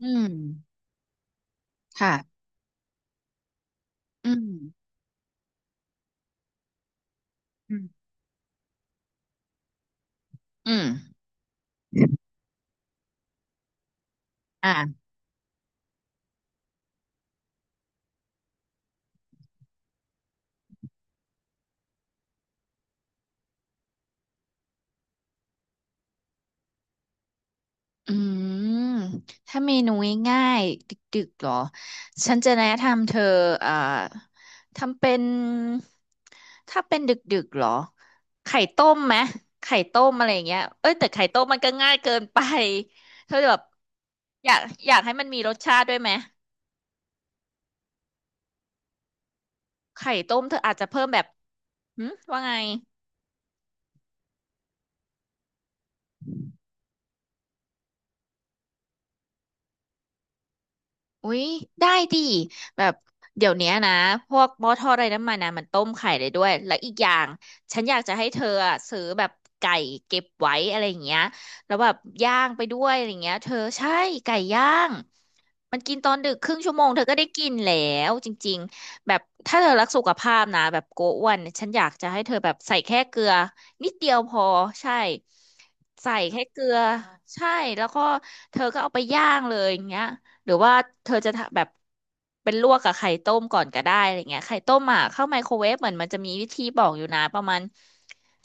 อืมค่ะอืมอืมอืมอ่าอืมถ้าเมนูง่ายๆดึกๆเหรอ ฉันจะแนะนำเธออ่าทำเป็น ถ้าเป็นดึกๆเหรอ ไข่ต้มไหม ไข่ต้มอะไรอย่างเงี้ยเอ้ย แต่ไข่ต้มมันก็ง่ายเกินไปเธอแบบอยากอยากให้มันมีรสชาติด้วยไหมไข่ต้มเธออาจจะเพิ่มแบบหืมว่าไง อุ๊ยได้ดิแบบเดี๋ยวเนี้ยนะพวกหม้อทอดไร้น้ำมันนะมันต้มไข่ได้ด้วยและอีกอย่างฉันอยากจะให้เธออะซื้อแบบไก่เก็บไว้อะไรอย่างเงี้ยแล้วแบบย่างไปด้วยอะไรอย่างเงี้ยเธอใช่ไก่ย่างมันกินตอนดึกครึ่งชั่วโมงเธอก็ได้กินแล้วจริงๆแบบถ้าเธอรักสุขภาพนะแบบโกอ้วนฉันอยากจะให้เธอแบบใส่แค่เกลือนิดเดียวพอใช่ใส่แค่เกลือใช่แล้วก็เธอก็เอาไปย่างเลยอย่างเงี้ย หรือว่าเธอจะทำแบบเป็นลวกกับไข่ต้มก่อนก็ได้อะไรเงี้ยไข่ต้มอ่ะเข้าไมโครเวฟเหมือนมันจะมีวิธีบอกอยู่นะประมาณ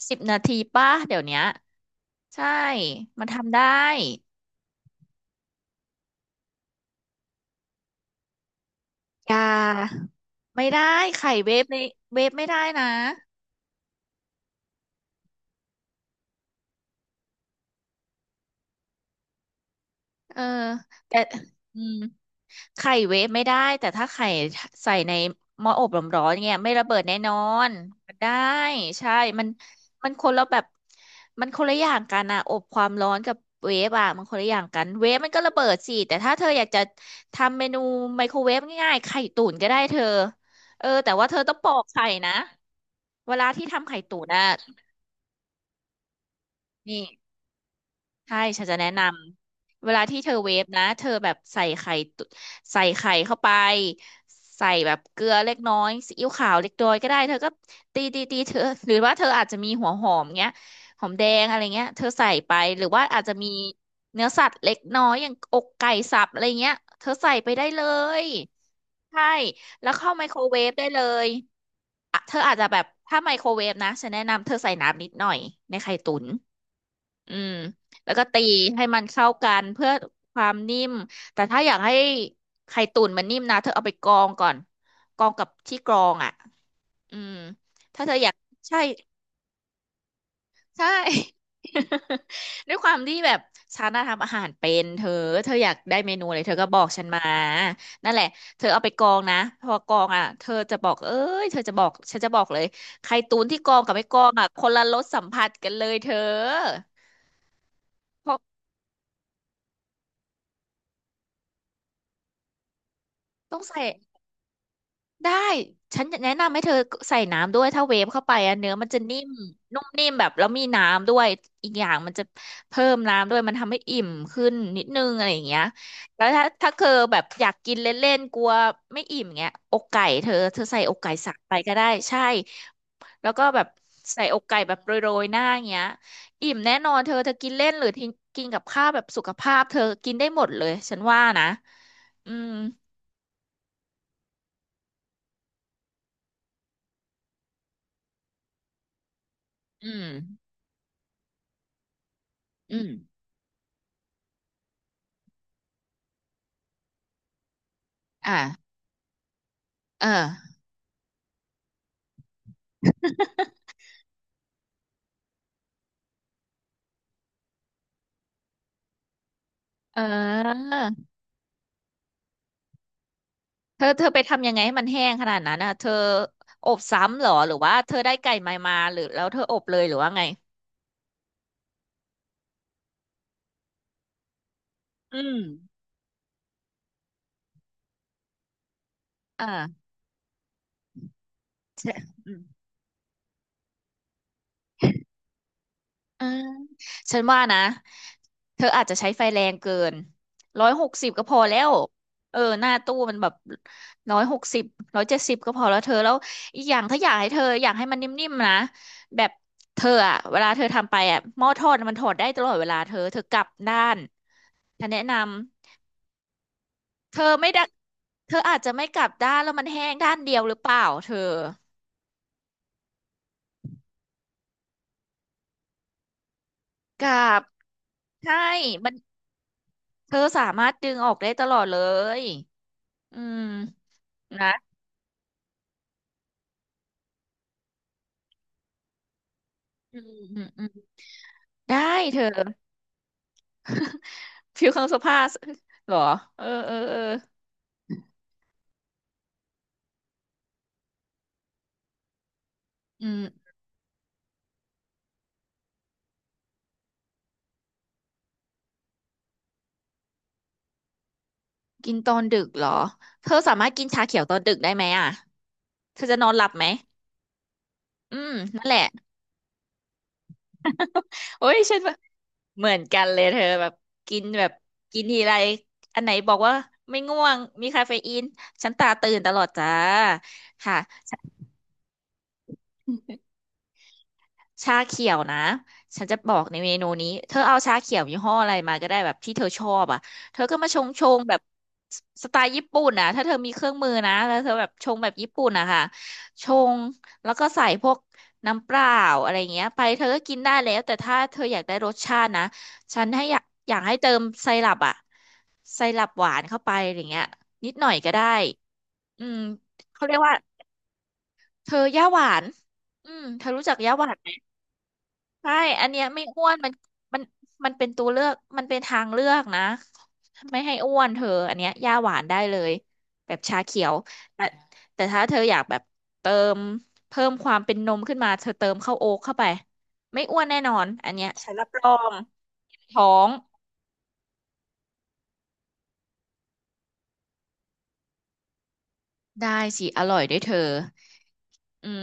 10 นาทีป่ะเดี๋ยวเนี้ยใช่มันทำได้อย่าไม่ได้ไข่เวฟในเวฟไม่ได้นะเออแต่อืม ไข่เวฟไม่ได้แต่ถ้าไข่ใส่ในหม้ออบร้อนๆเนี่ยไม่ระเบิดแน่นอนมันได้ใช่มันมันคนละแบบมันคนละอย่างกันอะอบความร้อนกับเวฟอะมันคนละอย่างกันเวฟมันก็ระเบิดสิแต่ถ้าเธออยากจะทำเมนูไมโครเวฟง่ายๆไข่ตุ๋นก็ได้เธอเออแต่ว่าเธอต้องปอกไข่นะเวลาที่ทำไข่ตุ๋นอะนี่ ใช่ฉันจะแนะนำเวลาที่เธอเวฟนะเธอแบบใส่ไข่เข้าไปใส่แบบเกลือเล็กน้อยซีอิ๊วขาวเล็กน้อยก็ได้เธอก็ตีตีตีเธอหรือว่าเธออาจจะมีหัวหอมเงี้ยหอมแดงอะไรเงี้ยเธอใส่ไปหรือว่าอาจจะมีเนื้อสัตว์เล็กน้อยอย่างอกไก่สับอะไรเงี้ยเธอใส่ไปได้เลยใช่แล้วเข้าไมโครเวฟได้เลยอ่ะเธออาจจะแบบถ้าไมโครเวฟนะฉันแนะนำเธอใส่น้ำนิดหน่อยในไข่ตุ๋น อืมแล้วก็ตีให้มันเข้ากันเพื่อความนิ่มแต่ถ้าอยากให้ไข่ตุ๋นมันนิ่มนะเธอเอาไปกรองก่อนกรองกับที่กรองอ่ะอืมถ้าเธออยากใช่ใช่ ด้วยความที่แบบฉันน่ะทำอาหารเป็นเธอเธออยากได้เมนูอะไรเธอก็บอกฉันมานั่นแหละเธอเอาไปกรองนะพอกรองอ่ะเธอจะบอกเอ้ยเธอจะบอกฉันจะบอกเลยไข่ตุ๋นที่กรองกับไม่กรองอ่ะคนละรสสัมผัสกันเลยเธอเพราะต้องใส่ ได้ฉันจะแนะนำให้เธอใส่น้ำด้วยถ้าเวฟเข้าไปอะเนื้อมันจะนิ่มนุ่มนิ่มแบบแล้วมีน้ำด้วยอีกอย่างมันจะเพิ่มน้ำด้วยมันทำให้อิ่มขึ้นนิดนึงอะไรอย่างเงี้ยแล้วถ้าเธอแบบอยากกินเล่นๆกลัวไม่อิ่มเงี้ยอกไก่เธอเธอใส่อกไก่สับไปก็ได้ใช่แล้วก็แบบใส่อกไก่แบบโรยๆหน้าอย่างเงี้ยอิ่มแน่นอนเธอเธอกินเล่นหรือทิ้งกินกับข้าวแบบสุขภาพเธอกินได้หมดเลยฉันว่านะอืมอืมอืมอ่า เออเออเธอเธอไปทำยังไงให้มันแห้งขนาดนั้นอ่ะเธออบซ้ำเหรอหรือว่าเธอได้ไก่ใหมามาหรือแล้วเธออบเลยหรือว่าไงอืมอ่าใช่อืมอ่าฉันว่านะเธออาจจะใช้ไฟแรงเกินร้อยหกสิบก็พอแล้วเออหน้าตู้มันแบบร้อยหกสิบ170ก็พอแล้วเธอแล้วอีกอย่างถ้าอยากให้เธออยากให้มันนิ่มๆนะแบบเธออะเวลาเธอทำไปอะหม้อทอดมันถอดได้ตลอดเวลาเธอเธอกลับด้าน ฉันแนะนำ เธอไม่ได้เธออาจจะไม่กลับด้านแล้วมันแห้งด้านเดียวหรือเปล่าเธอกลับ ใช่มันเธอสามารถดึงออกได้ตลอดเลย อืม นะ อืมอืมอืมได้เธอ ฟิวเครื่องซักผ้าเห รอเออเออเอออืมกินตอนดึกเหรอ เธอสามารถกินชาเขียวตอนดึกได้ไหมอ่ะ เธอจะนอนหลับไหม อืม นั่นแหละโอ้ยฉัน เหมือนกันเลยเธอแบบกินแบบกินทีไรอันไหนบอกว่าไม่ง่วงมีคาเฟอีนฉันตาตื่นตลอดจ้าค่ะ ชาเขียวนะฉันจะบอกในเมนูนี้เธอเอาชาเขียวยี่ห้ออะไรมาก็ได้แบบที่เธอชอบอ่ะเธอก็มาชงแบบไตล์ญี่ปุ่นนะถ้าเธอมีเครื่องมือนะแล้วเธอแบบชงแบบญี่ปุ่นนะคะชงแล้วก็ใส่พวกน้ำเปล่าอะไรเงี้ยไปเธอก็กินได้แล้วแต่ถ้าเธออยากได้รสชาตินะฉันให้อยากให้เติมไซรัปอ่ะไซรัปหวานเข้าไปอะไรเงี้ยนิดหน่อยก็ได้อืมเขาเรียกว่าเธอย่าหวานอืมเธอรู้จักย่าหวานไหม ใช่อันเนี้ยไม่อ้วนมันมัน มันเป็นตัวเลือก มันเป็นทางเลือกนะไม่ให้อ้วนเธออันเนี้ยย่าหวานได้เลย แบบชาเขียวแต่แต่ถ้าเธออยากแบบเติมเพิ่มความเป็นนมขึ้นมา เธอเติมข้าวโอ๊ตเข้าไป ไม่อ้วนแน่นอน อันเนี้ยฉันรับรองท้อง ได้สิอร่อยด้วยเธออืม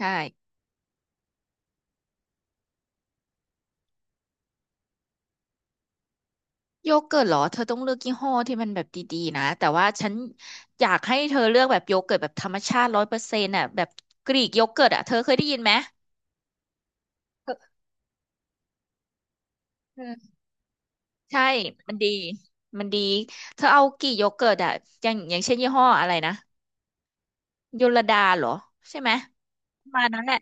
ใช่ โยเกิร์ตเหรอเธอต้องเลือกยี่ห้อที่มันแบบดีๆนะแต่ว่าฉันอยากให้เธอเลือกแบบโยเกิร์ตแบบธรรมชาติร้อยเปอร์เซ็นต์อ่ะแบบกรีกโยเกิร์ตอ่ะเธอเคยได้ยินไหมเออใช่มันดีมันดีเธอเอากี่โยเกิร์ตอ่ะอย่างเช่นยี่ห้ออะไรนะโยลดาเหรอใช่ไหมประมาณนั้นแหละ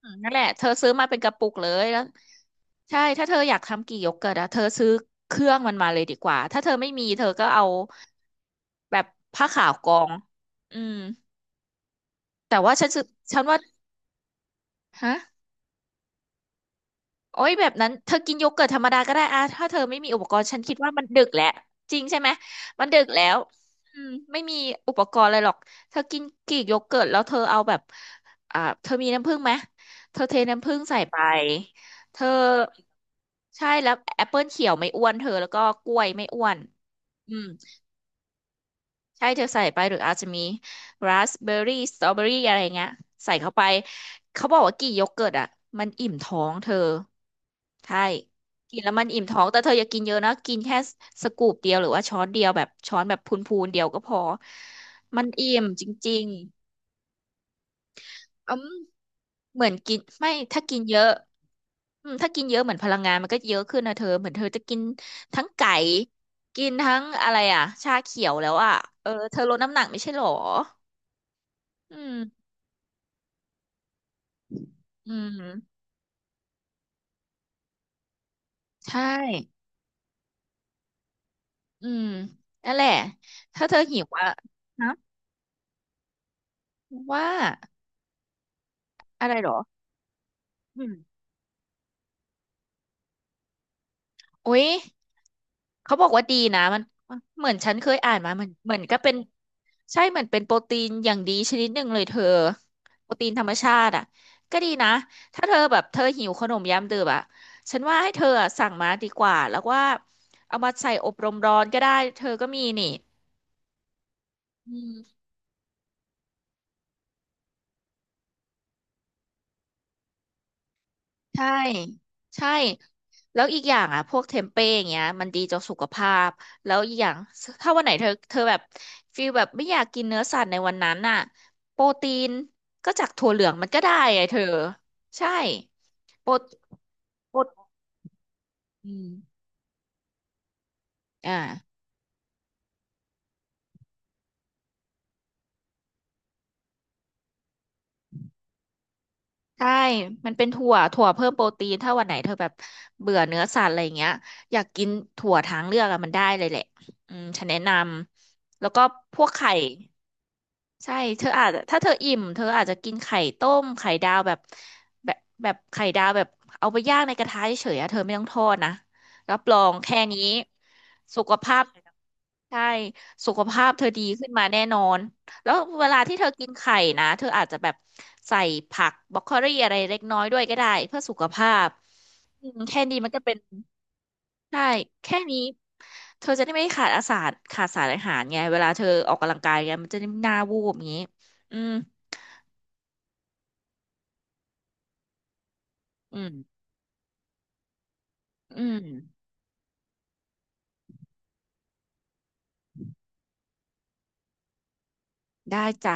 อืมนั่นแหละเธอซื้อมาเป็นกระปุกเลยแล้วใช่ถ้าเธออยากทำกี่โยเกิร์ตอ่ะเธอซื้อเครื่องมันมาเลยดีกว่าถ้าเธอไม่มีเธอก็เอาแบบผ้าขาวกองอืม แต่ว่าฉันสึกฉันว่าฮะโอ้ยแบบนั้นเธอกินโยเกิร์ตธรรมดาก็ได้อะถ้าเธอไม่มีอุปกรณ์ฉันคิดว่ามันดึกแหละจริงใช่ไหมมันดึกแล้วอืมไม่มีอุปกรณ์อะไรหรอกเธอกินกรีกโยเกิร์ตแล้วเธอเอาแบบเธอมีน้ำผึ้งไหมเธอเทน้ำผึ้งใส่ไปเธอใช่แล้วแอปเปิลเขียวไม่อ้วนเธอแล้วก็กล้วยไม่อ้วนอืม ใช่ เธอใส่ไปหรืออาจจะมีราสเบอร์รี่สตรอเบอรี่อะไรเงี้ยใส่เข้าไป เขาบอกว่ากี่โยเกิร์ตอ่ะมันอิ่มท้องเธอ ใช่กินแล้วมันอิ่มท้อง แต่เธออย่ากินเยอะนะกินแค่สกูปเดียวหรือว่าช้อนเดียวแบบช้อนแบบพูนๆเดียวก็พอ มันอิ่มจริงๆอืมเหมือนกินไม่ถ้ากินเยอะอืมถ้ากินเยอะเหมือนพลังงานมันก็เยอะขึ้นนะเธอเหมือนเธอจะกินทั้งไก่กินทั้งอะไรอ่ะชาเขียวแล้วอ่ะเออเธอลดน้ำหนักไม่ใช่หรอ อืมอืมใช่อืมนั่นแหละถ้าเธอหิวอะนะว่าอะไรเหรออืมอุ๊ยเขาบอกว่าดีนะมันเหมือนฉันเคยอ่านมาเหมือนเหมือนก็เป็นใช่เหมือนเป็นโปรตีนอย่างดีชนิดหนึ่งเลยเธอโปรตีนธรรมชาติอะก็ดีนะถ้าเธอแบบเธอหิวขนมยามดึกอะฉันว่าให้เธออะสั่งมาดีกว่าแล้วว่าเอามาใส่อบรมร้อนก็ได้เธอก็มีนี่อืม ใช่ใช่แล้วอีกอย่างอ่ะพวกเทมเป้อย่างเงี้ยมันดีต่อสุขภาพแล้วอีกอย่างถ้าวันไหนเธอแบบฟีลแบบไม่อยากกินเนื้อสัตว์ในวันนั้นน่ะโปรตีนก็จากถั่วเหลืองมันก็ได้ไงเธอใช่โปรโปรอืมอ่าใช่มันเป็นถั่วเพิ่มโปรตีนถ้าวันไหนเธอแบบเบื่อเนื้อสัตว์อะไรอย่างเงี้ยอยากกินถั่วทางเลือกอะมันได้เลยแหละอืมฉันแนะนำแล้วก็พวกไข่ ใช่เธออาจจะถ้าเธออิ่มเธออาจจะกินไข่ต้มไข่ดาวแบบแบบแบบไข่ดาวแบบเอาไปย่างในกระทะเฉยๆอะเธอไม่ต้องทอดนะรับรองแค่นี้สุขภาพใช่สุขภาพเธอดีขึ้นมาแน่นอนแล้วเวลาที่เธอกินไข่นะเธออาจจะแบบใส่ผักบรอกโคลีอะไรเล็กน้อยด้วยก็ได้เพื่อสุขภาพอืมแค่นี้มันก็เป็น ใช่แค่นี้เธอจะได้ไม่ขาดสารอาหารไงเวลาเธอออกกำลังกายไงมันจะได้ไม่หน้าวูบอย่างนี้อืมอืมอืมได้จ้ะ